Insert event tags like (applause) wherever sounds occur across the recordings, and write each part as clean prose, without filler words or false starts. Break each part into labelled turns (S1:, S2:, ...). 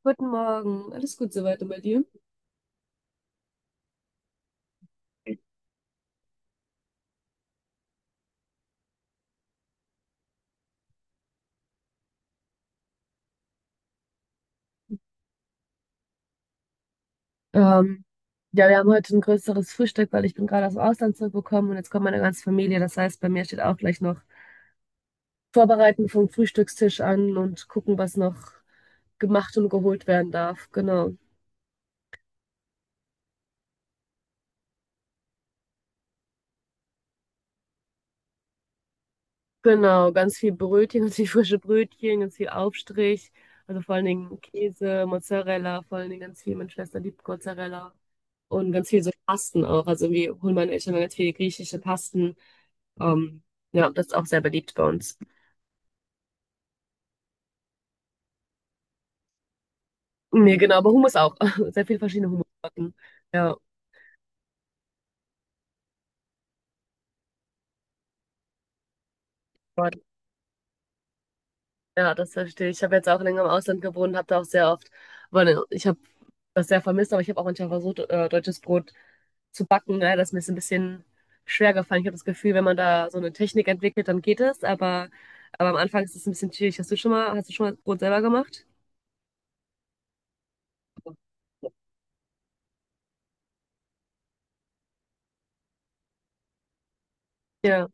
S1: Guten Morgen, alles gut soweit und bei dir? Ähm, ja, wir haben heute ein größeres Frühstück, weil ich bin gerade aus dem Ausland zurückgekommen und jetzt kommt meine ganze Familie. Das heißt, bei mir steht auch gleich noch Vorbereiten vom Frühstückstisch an und gucken, was noch gemacht und geholt werden darf. Genau. Genau, ganz viel Brötchen, (laughs) ganz viel frische Brötchen, ganz viel Aufstrich. Also vor allen Dingen Käse, Mozzarella, vor allen Dingen ganz viel. Meine Schwester liebt Mozzarella. Und ganz viel so Pasten auch. Also wir holen meine Eltern ganz viele griechische Pasten. Ähm, ja, das ist auch sehr beliebt bei uns. Nee, genau, aber Hummus auch. (laughs) Sehr viele verschiedene Hummussorten. Ja, Gott. Ja, das verstehe ich. Ich habe jetzt auch länger im Ausland gewohnt, habe da auch sehr oft, aber ne, ich habe das sehr vermisst, aber ich habe auch manchmal versucht, deutsches Brot zu backen. Ne? Das ist mir jetzt ein bisschen schwer gefallen. Ich habe das Gefühl, wenn man da so eine Technik entwickelt, dann geht es, aber am Anfang ist es ein bisschen schwierig. Hast du schon mal Brot selber gemacht? Ja,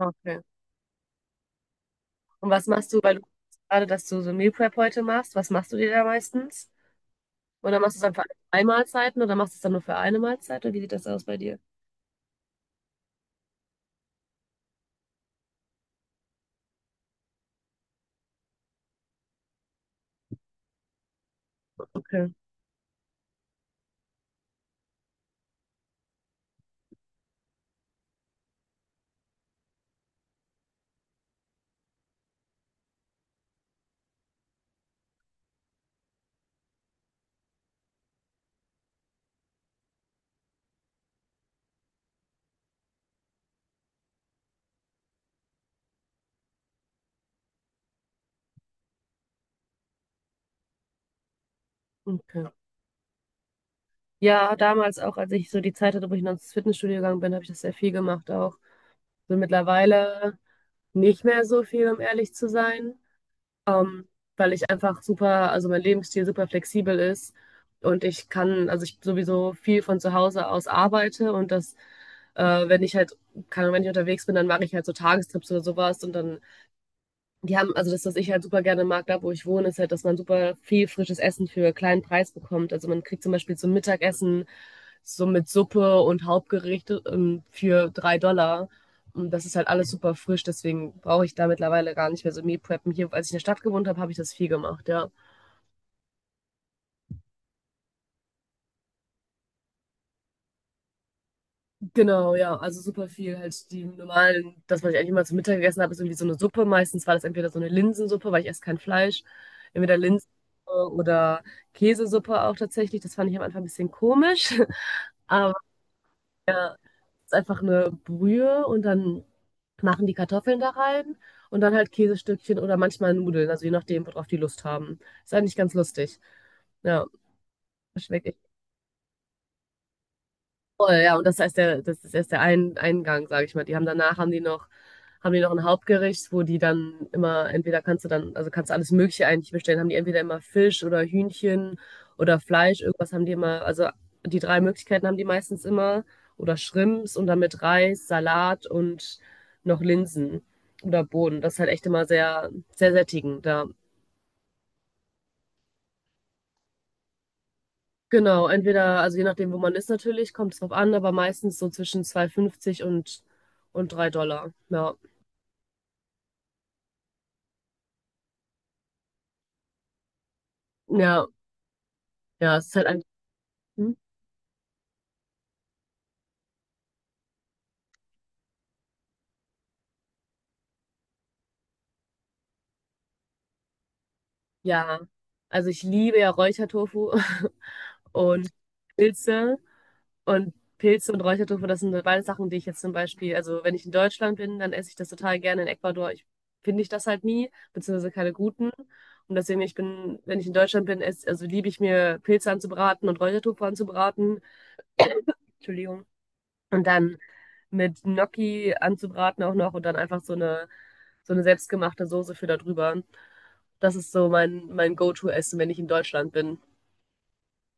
S1: okay. Und was machst du, weil du gerade, dass du so Meal Prep heute machst, was machst du dir da meistens? Und dann machst du es dann für zwei Mahlzeiten oder machst du es dann nur für eine Mahlzeit? Oder wie sieht das aus bei dir? Okay, okay. Ja, damals auch, als ich so die Zeit hatte, wo ich noch ins Fitnessstudio gegangen bin, habe ich das sehr viel gemacht auch. So mittlerweile nicht mehr so viel, um ehrlich zu sein, ähm, weil ich einfach super, also mein Lebensstil super flexibel ist und ich kann, also ich sowieso viel von zu Hause aus arbeite und das, wenn ich halt, kann, wenn ich unterwegs bin, dann mache ich halt so Tagestrips oder sowas und dann Die haben, also das, was ich halt super gerne mag, da wo ich wohne, ist halt, dass man super viel frisches Essen für kleinen Preis bekommt. Also man kriegt zum Beispiel so ein Mittagessen so mit Suppe und Hauptgericht für 3 Dollar. Und das ist halt alles super frisch, deswegen brauche ich da mittlerweile gar nicht mehr so Meal Preppen. Hier, als ich in der Stadt gewohnt habe, habe ich das viel gemacht, ja. Genau, ja, also super viel halt die normalen, das, was ich eigentlich immer zum Mittag gegessen habe, ist irgendwie so eine Suppe. Meistens war das entweder so eine Linsensuppe, weil ich esse kein Fleisch, entweder Linsensuppe oder Käsesuppe auch tatsächlich. Das fand ich am Anfang ein bisschen komisch, (laughs) aber es ist einfach eine Brühe und dann machen die Kartoffeln da rein und dann halt Käsestückchen oder manchmal Nudeln, also je nachdem, worauf die Lust haben. Ist eigentlich ganz lustig. Ja, schmeckt Voll, ja, und das heißt, das ist erst der ein Eingang, sage ich mal. Die haben danach haben die noch, ein Hauptgericht, wo die dann immer, entweder kannst du dann, also kannst du alles Mögliche eigentlich bestellen, haben die entweder immer Fisch oder Hühnchen oder Fleisch, irgendwas haben die immer, also die drei Möglichkeiten haben die meistens immer. Oder Shrimps und dann mit Reis, Salat und noch Linsen oder Bohnen. Das ist halt echt immer sehr, sehr sättigend. Da Genau, entweder, also je nachdem, wo man ist natürlich, kommt es drauf an, aber meistens so zwischen 2,50 und 3 Dollar. Ja, ja, ja, es ist halt ein, hm? Ja, also ich liebe ja Räuchertofu (laughs) und Pilze und Räuchertofu, das sind beide Sachen, die ich jetzt zum Beispiel, also wenn ich in Deutschland bin, dann esse ich das total gerne. In Ecuador finde ich das halt nie, beziehungsweise keine guten. Und deswegen, ich bin, wenn ich in Deutschland bin, also liebe ich mir Pilze anzubraten und Räuchertofu anzubraten. Entschuldigung. Und dann mit Gnocchi anzubraten auch noch und dann einfach so eine selbstgemachte Soße für da drüber. Das ist so mein Go-To-Essen, wenn ich in Deutschland bin.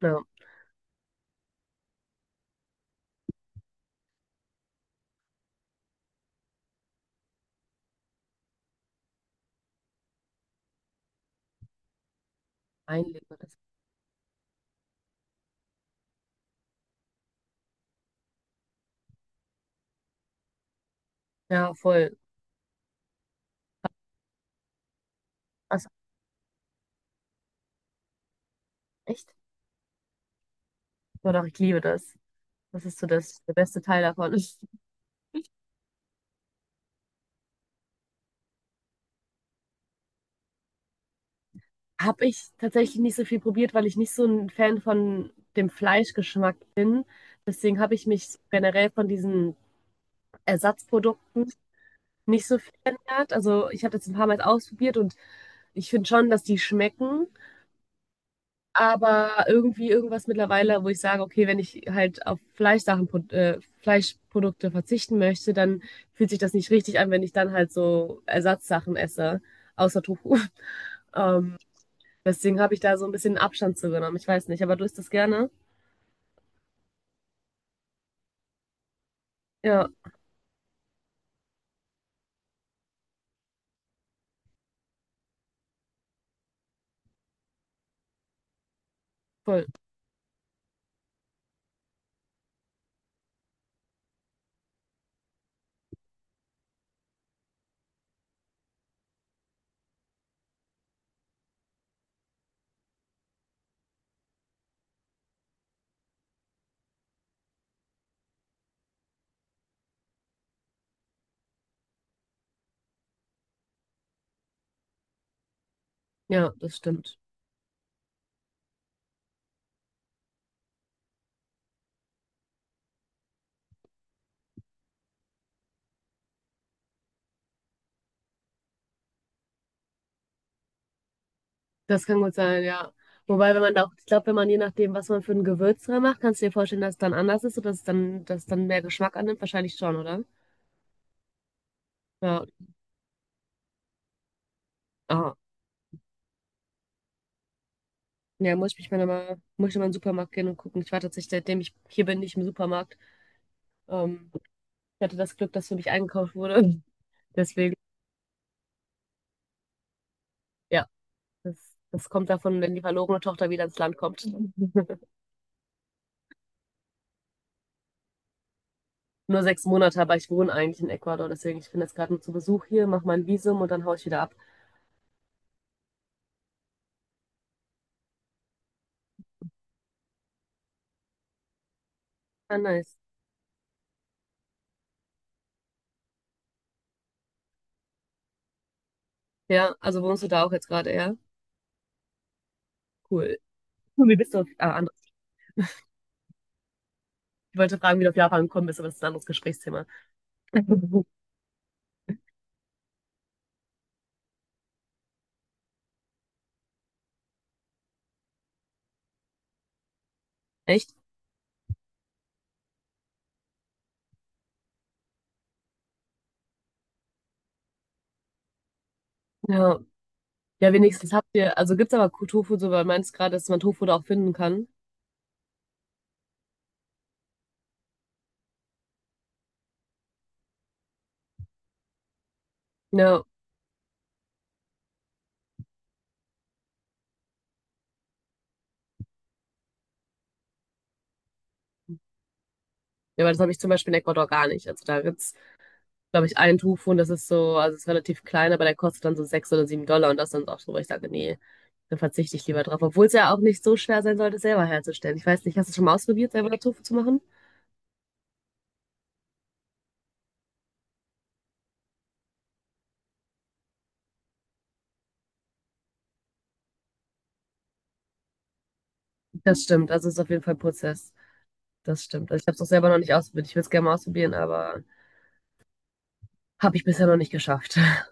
S1: Ja, einlebe das. Ja, voll. Also, echt? Doch, doch, ich liebe das. Das ist so der beste Teil davon. (laughs) Habe ich tatsächlich nicht so viel probiert, weil ich nicht so ein Fan von dem Fleischgeschmack bin. Deswegen habe ich mich generell von diesen Ersatzprodukten nicht so viel ändert. Also ich habe das ein paar Mal ausprobiert und ich finde schon, dass die schmecken. Aber irgendwie irgendwas mittlerweile, wo ich sage, okay, wenn ich halt auf Fleischsachen, Fleischprodukte verzichten möchte, dann fühlt sich das nicht richtig an, wenn ich dann halt so Ersatzsachen esse, außer Tofu. (laughs) Ähm, deswegen habe ich da so ein bisschen Abstand zu genommen. Ich weiß nicht, aber du isst das gerne? Ja, voll. Ja, das stimmt. Das kann gut sein, ja. Wobei, wenn man da auch, ich glaube, wenn man je nachdem, was man für ein Gewürz dran macht, kannst du dir vorstellen, dass es dann anders ist oder dass es dann mehr Geschmack annimmt? Wahrscheinlich schon, oder? Ja. Aha. Ja, muss ich mal in den Supermarkt gehen und gucken. Ich war tatsächlich, seitdem ich hier bin, nicht im Supermarkt. Ähm, ich hatte das Glück, dass für mich eingekauft wurde. (laughs) Deswegen, ja, das kommt davon, wenn die verlorene Tochter wieder ins Land kommt. (laughs) Nur 6 Monate, aber ich wohne eigentlich in Ecuador. Deswegen, ich bin jetzt gerade nur zu Besuch hier, mache mein Visum und dann haue ich wieder ab. Ah, nice. Ja, also wohnst du da auch jetzt gerade, ja? Cool. Cool, Wie bist du auf, anders. Ich wollte fragen, wie du auf Japan gekommen bist, aber das ist ein anderes Gesprächsthema. (laughs) Echt? Ja. Ja, wenigstens habt ihr, also gibt's aber Tofu, so weil du meinst gerade, dass man Tofu da auch finden kann. Ja. Ja, weil das habe ich zum Beispiel in Ecuador gar nicht. Also da gibt's, glaube ich, einen Tofu und das ist so, also ist relativ klein, aber der kostet dann so 6 oder 7 Dollar und das dann auch so, weil ich sage, nee, dann verzichte ich lieber drauf. Obwohl es ja auch nicht so schwer sein sollte, selber herzustellen. Ich weiß nicht, hast du schon mal ausprobiert, selber Tofu zu machen? Das stimmt, also es ist auf jeden Fall ein Prozess. Das stimmt. Also ich habe es auch selber noch nicht ausprobiert. Ich würde es gerne mal ausprobieren, aber Habe ich bisher noch nicht geschafft. (laughs)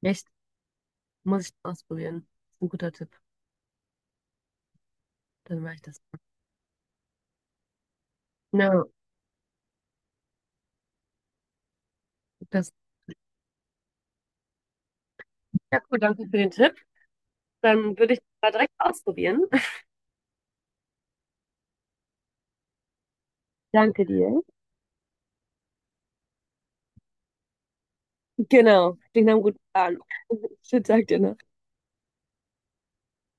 S1: Echt? Muss ich ausprobieren. Ist ein guter Tipp. Dann mache ich das. Ja, das. Ja, cool, danke für den Tipp. Dann würde ich das mal direkt ausprobieren. Danke dir. Genau, klingt nach einem guten Plan. (laughs) Schönen Tag dir noch.